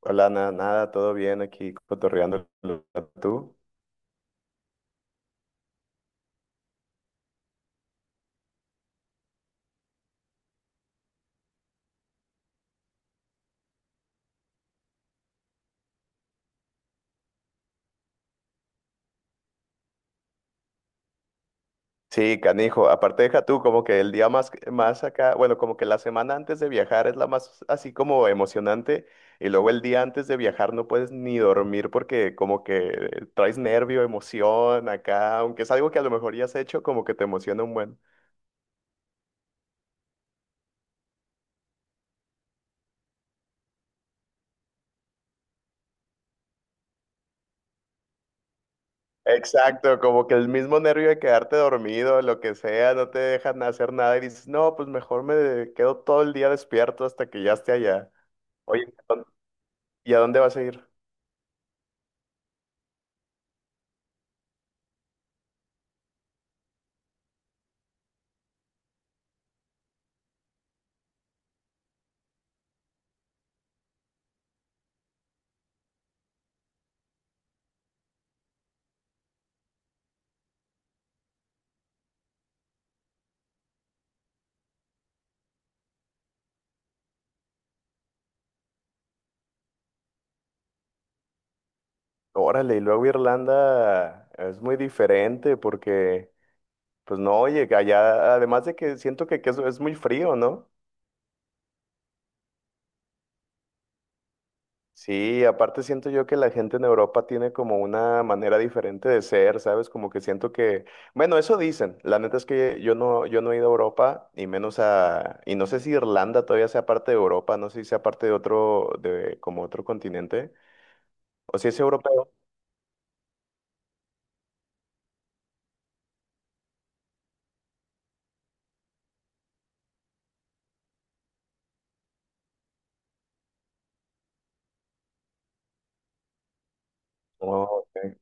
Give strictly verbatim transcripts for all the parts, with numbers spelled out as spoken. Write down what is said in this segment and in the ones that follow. Hola, nada, nada, todo bien aquí cotorreando tú. Sí, canijo, aparte deja tú, como que el día más, más acá, bueno, como que la semana antes de viajar es la más así como emocionante, y luego el día antes de viajar no puedes ni dormir porque como que traes nervio, emoción acá, aunque es algo que a lo mejor ya has hecho, como que te emociona un buen. Exacto, como que el mismo nervio de quedarte dormido, lo que sea, no te dejan hacer nada y dices, no, pues mejor me quedo todo el día despierto hasta que ya esté allá. Oye, ¿y a dónde vas a ir? Órale, y luego Irlanda es muy diferente porque, pues no, oye, que allá, además de que siento que, que es, es muy frío, ¿no? Sí, aparte siento yo que la gente en Europa tiene como una manera diferente de ser, ¿sabes? Como que siento que, bueno, eso dicen. La neta es que yo no, yo no he ido a Europa y menos a, y no sé si Irlanda todavía sea parte de Europa, no sé si sea parte de otro, de como otro continente, o si es europeo. No, ok.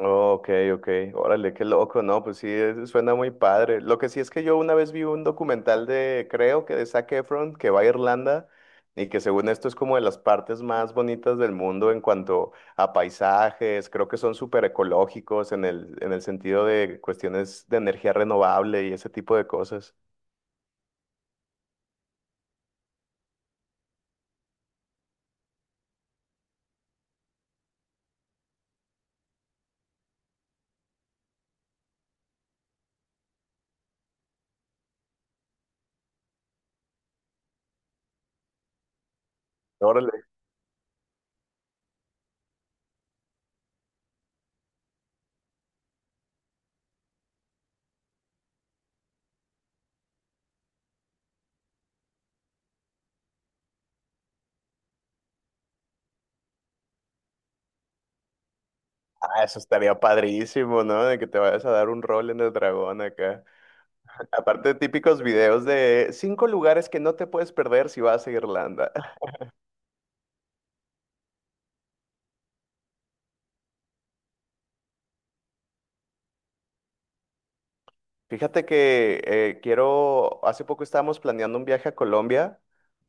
Ok, ok, órale, qué loco, no, pues sí, es- suena muy padre. Lo que sí es que yo una vez vi un documental de, creo que de Zac Efron, que va a Irlanda y que según esto es como de las partes más bonitas del mundo en cuanto a paisajes, creo que son súper ecológicos en el, en el sentido de cuestiones de energía renovable y ese tipo de cosas. Órale, ah, eso estaría padrísimo, ¿no? De que te vayas a dar un rol en el dragón acá. Aparte, típicos videos de cinco lugares que no te puedes perder si vas a Irlanda. Fíjate que eh, quiero, hace poco estábamos planeando un viaje a Colombia,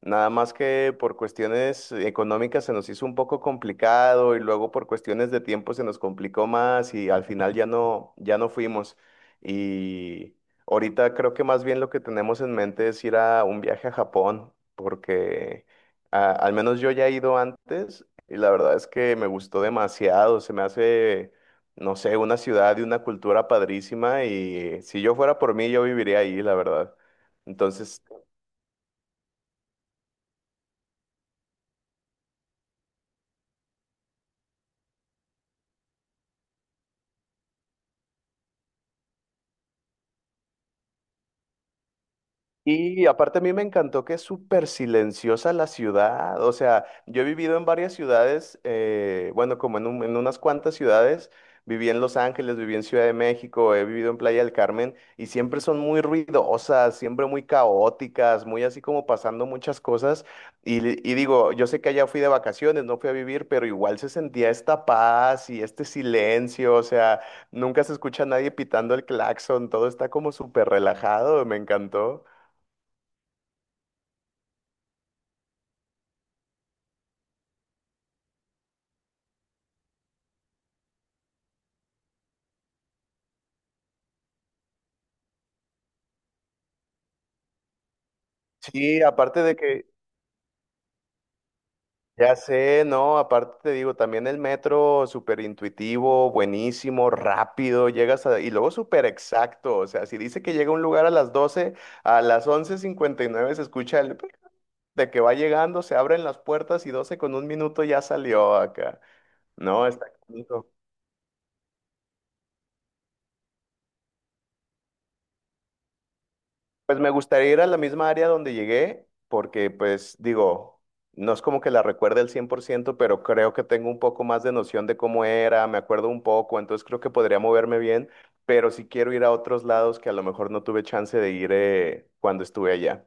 nada más que por cuestiones económicas se nos hizo un poco complicado y luego por cuestiones de tiempo se nos complicó más y al final ya no, ya no fuimos. Y ahorita creo que más bien lo que tenemos en mente es ir a un viaje a Japón, porque ah, al menos yo ya he ido antes y la verdad es que me gustó demasiado, se me hace no sé, una ciudad y una cultura padrísima y si yo fuera por mí, yo viviría ahí, la verdad. Entonces, y aparte a mí me encantó que es súper silenciosa la ciudad, o sea, yo he vivido en varias ciudades, eh, bueno, como en, un- en unas cuantas ciudades, viví en Los Ángeles, viví en Ciudad de México, he vivido en Playa del Carmen y siempre son muy ruidosas, siempre muy caóticas, muy así como pasando muchas cosas. Y, li- y digo, yo sé que allá fui de vacaciones, no fui a vivir, pero igual se sentía esta paz y este silencio, o sea, nunca se escucha a nadie pitando el claxon, todo está como súper relajado, me encantó. Sí, aparte de que, ya sé, no, aparte te digo, también el metro súper intuitivo, buenísimo, rápido, llegas a, y luego súper exacto, o sea, si dice que llega a un lugar a las doce, a las once cincuenta y nueve se escucha el pic de que va llegando, se abren las puertas y doce con un minuto ya salió acá. No, está... aquí. Pues me gustaría ir a la misma área donde llegué, porque pues digo, no es como que la recuerde al cien por ciento, pero creo que tengo un poco más de noción de cómo era, me acuerdo un poco, entonces creo que podría moverme bien, pero sí quiero ir a otros lados que a lo mejor no tuve chance de ir eh, cuando estuve allá.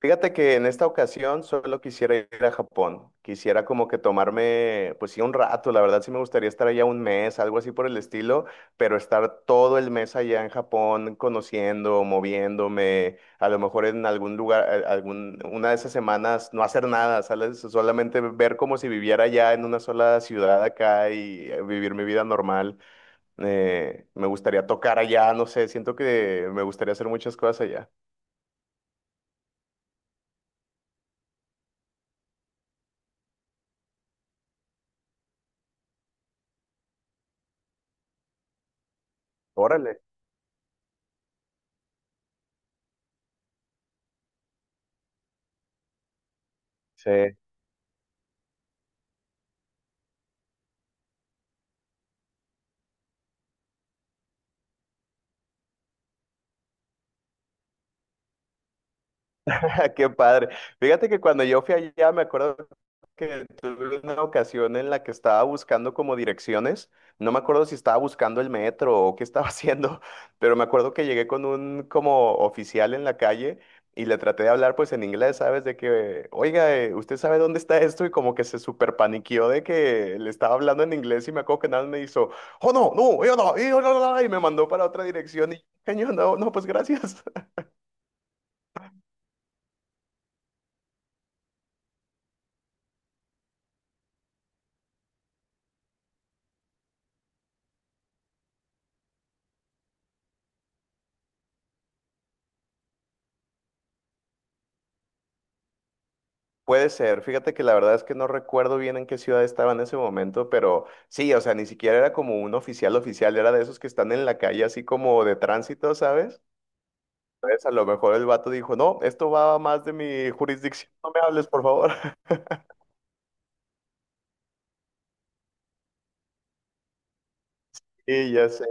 Fíjate que en esta ocasión solo quisiera ir a Japón. Quisiera como que tomarme, pues sí, un rato. La verdad sí me gustaría estar allá un mes, algo así por el estilo, pero estar todo el mes allá en Japón, conociendo, moviéndome, a lo mejor en algún lugar, eh, algún, una de esas semanas no hacer nada, ¿sabes? Solamente ver como si viviera allá en una sola ciudad acá y eh, vivir mi vida normal. Eh, me gustaría tocar allá, no sé, siento que me gustaría hacer muchas cosas allá. Órale. Sí. Qué padre. Fíjate que cuando yo fui allá, me acuerdo que tuve una ocasión en la que estaba buscando como direcciones. No me acuerdo si estaba buscando el metro o qué estaba haciendo, pero me acuerdo que llegué con un como oficial en la calle y le traté de hablar pues en inglés, ¿sabes? De que, oiga, eh, ¿usted sabe dónde está esto? Y como que se super paniqueó de que le estaba hablando en inglés y me acuerdo que nada más me hizo, "oh no, no, yo no, yo no, no", y me mandó para otra dirección y, yo, no, no, pues gracias. Puede ser, fíjate que la verdad es que no recuerdo bien en qué ciudad estaba en ese momento, pero sí, o sea, ni siquiera era como un oficial oficial, era de esos que están en la calle así como de tránsito, ¿sabes? Entonces a lo mejor el vato dijo, no, esto va más de mi jurisdicción, no me hables, por favor. Y ya sé.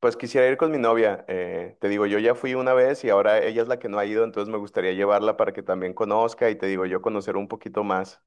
Pues quisiera ir con mi novia, eh, te digo, yo ya fui una vez y ahora ella es la que no ha ido, entonces me gustaría llevarla para que también conozca y te digo, yo conocer un poquito más.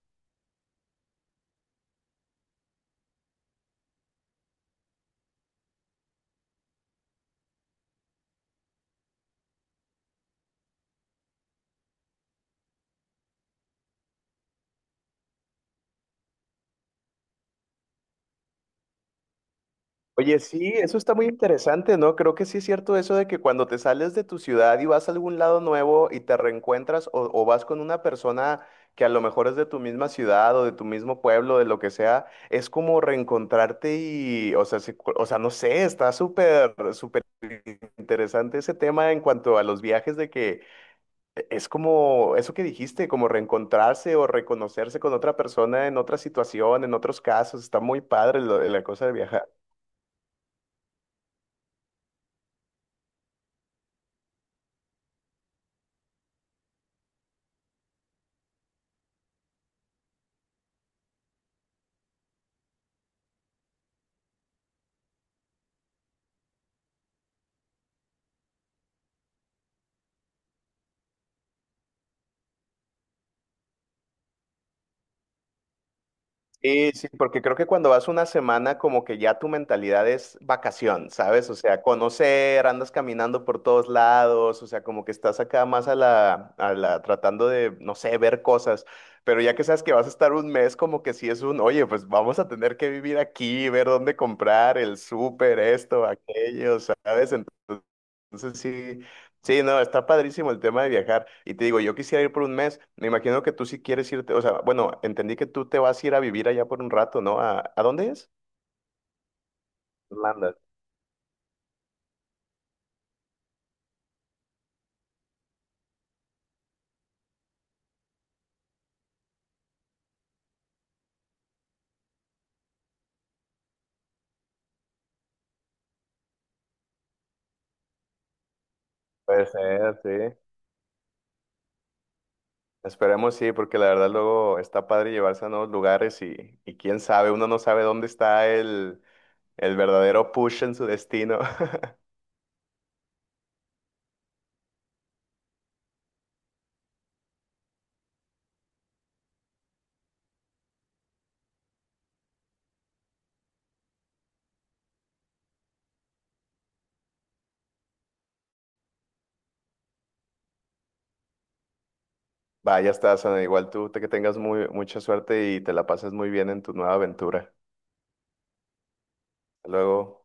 Oye, sí, eso está muy interesante, ¿no? Creo que sí es cierto eso de que cuando te sales de tu ciudad y vas a algún lado nuevo y te reencuentras o, o vas con una persona que a lo mejor es de tu misma ciudad o de tu mismo pueblo, de lo que sea, es como reencontrarte y, o sea, sí, cu- o sea, no sé, está súper, súper interesante ese tema en cuanto a los viajes de que es como eso que dijiste, como reencontrarse o reconocerse con otra persona en otra situación, en otros casos, está muy padre lo- la cosa de viajar. Sí, sí, porque creo que cuando vas una semana como que ya tu mentalidad es vacación, ¿sabes? O sea, conocer, andas caminando por todos lados, o sea, como que estás acá más a la, a la tratando de, no sé, ver cosas, pero ya que sabes que vas a estar un mes, como que sí es un, oye, pues vamos a tener que vivir aquí, ver dónde comprar, el súper, esto, aquello, ¿sabes? Entonces sí. Sí, no, está padrísimo el tema de viajar. Y te digo, yo quisiera ir por un mes. Me imagino que tú sí quieres irte, o sea, bueno, entendí que tú te vas a ir a vivir allá por un rato, ¿no? ¿A, a dónde es? Irlanda. Puede ser, sí. Esperemos sí, porque la verdad luego está padre llevarse a nuevos lugares y, y quién sabe, uno no sabe dónde está el, el verdadero push en su destino. Vaya, estás, Ana, igual tú, te- que tengas muy, mucha suerte y te la pases muy bien en tu nueva aventura. Hasta luego.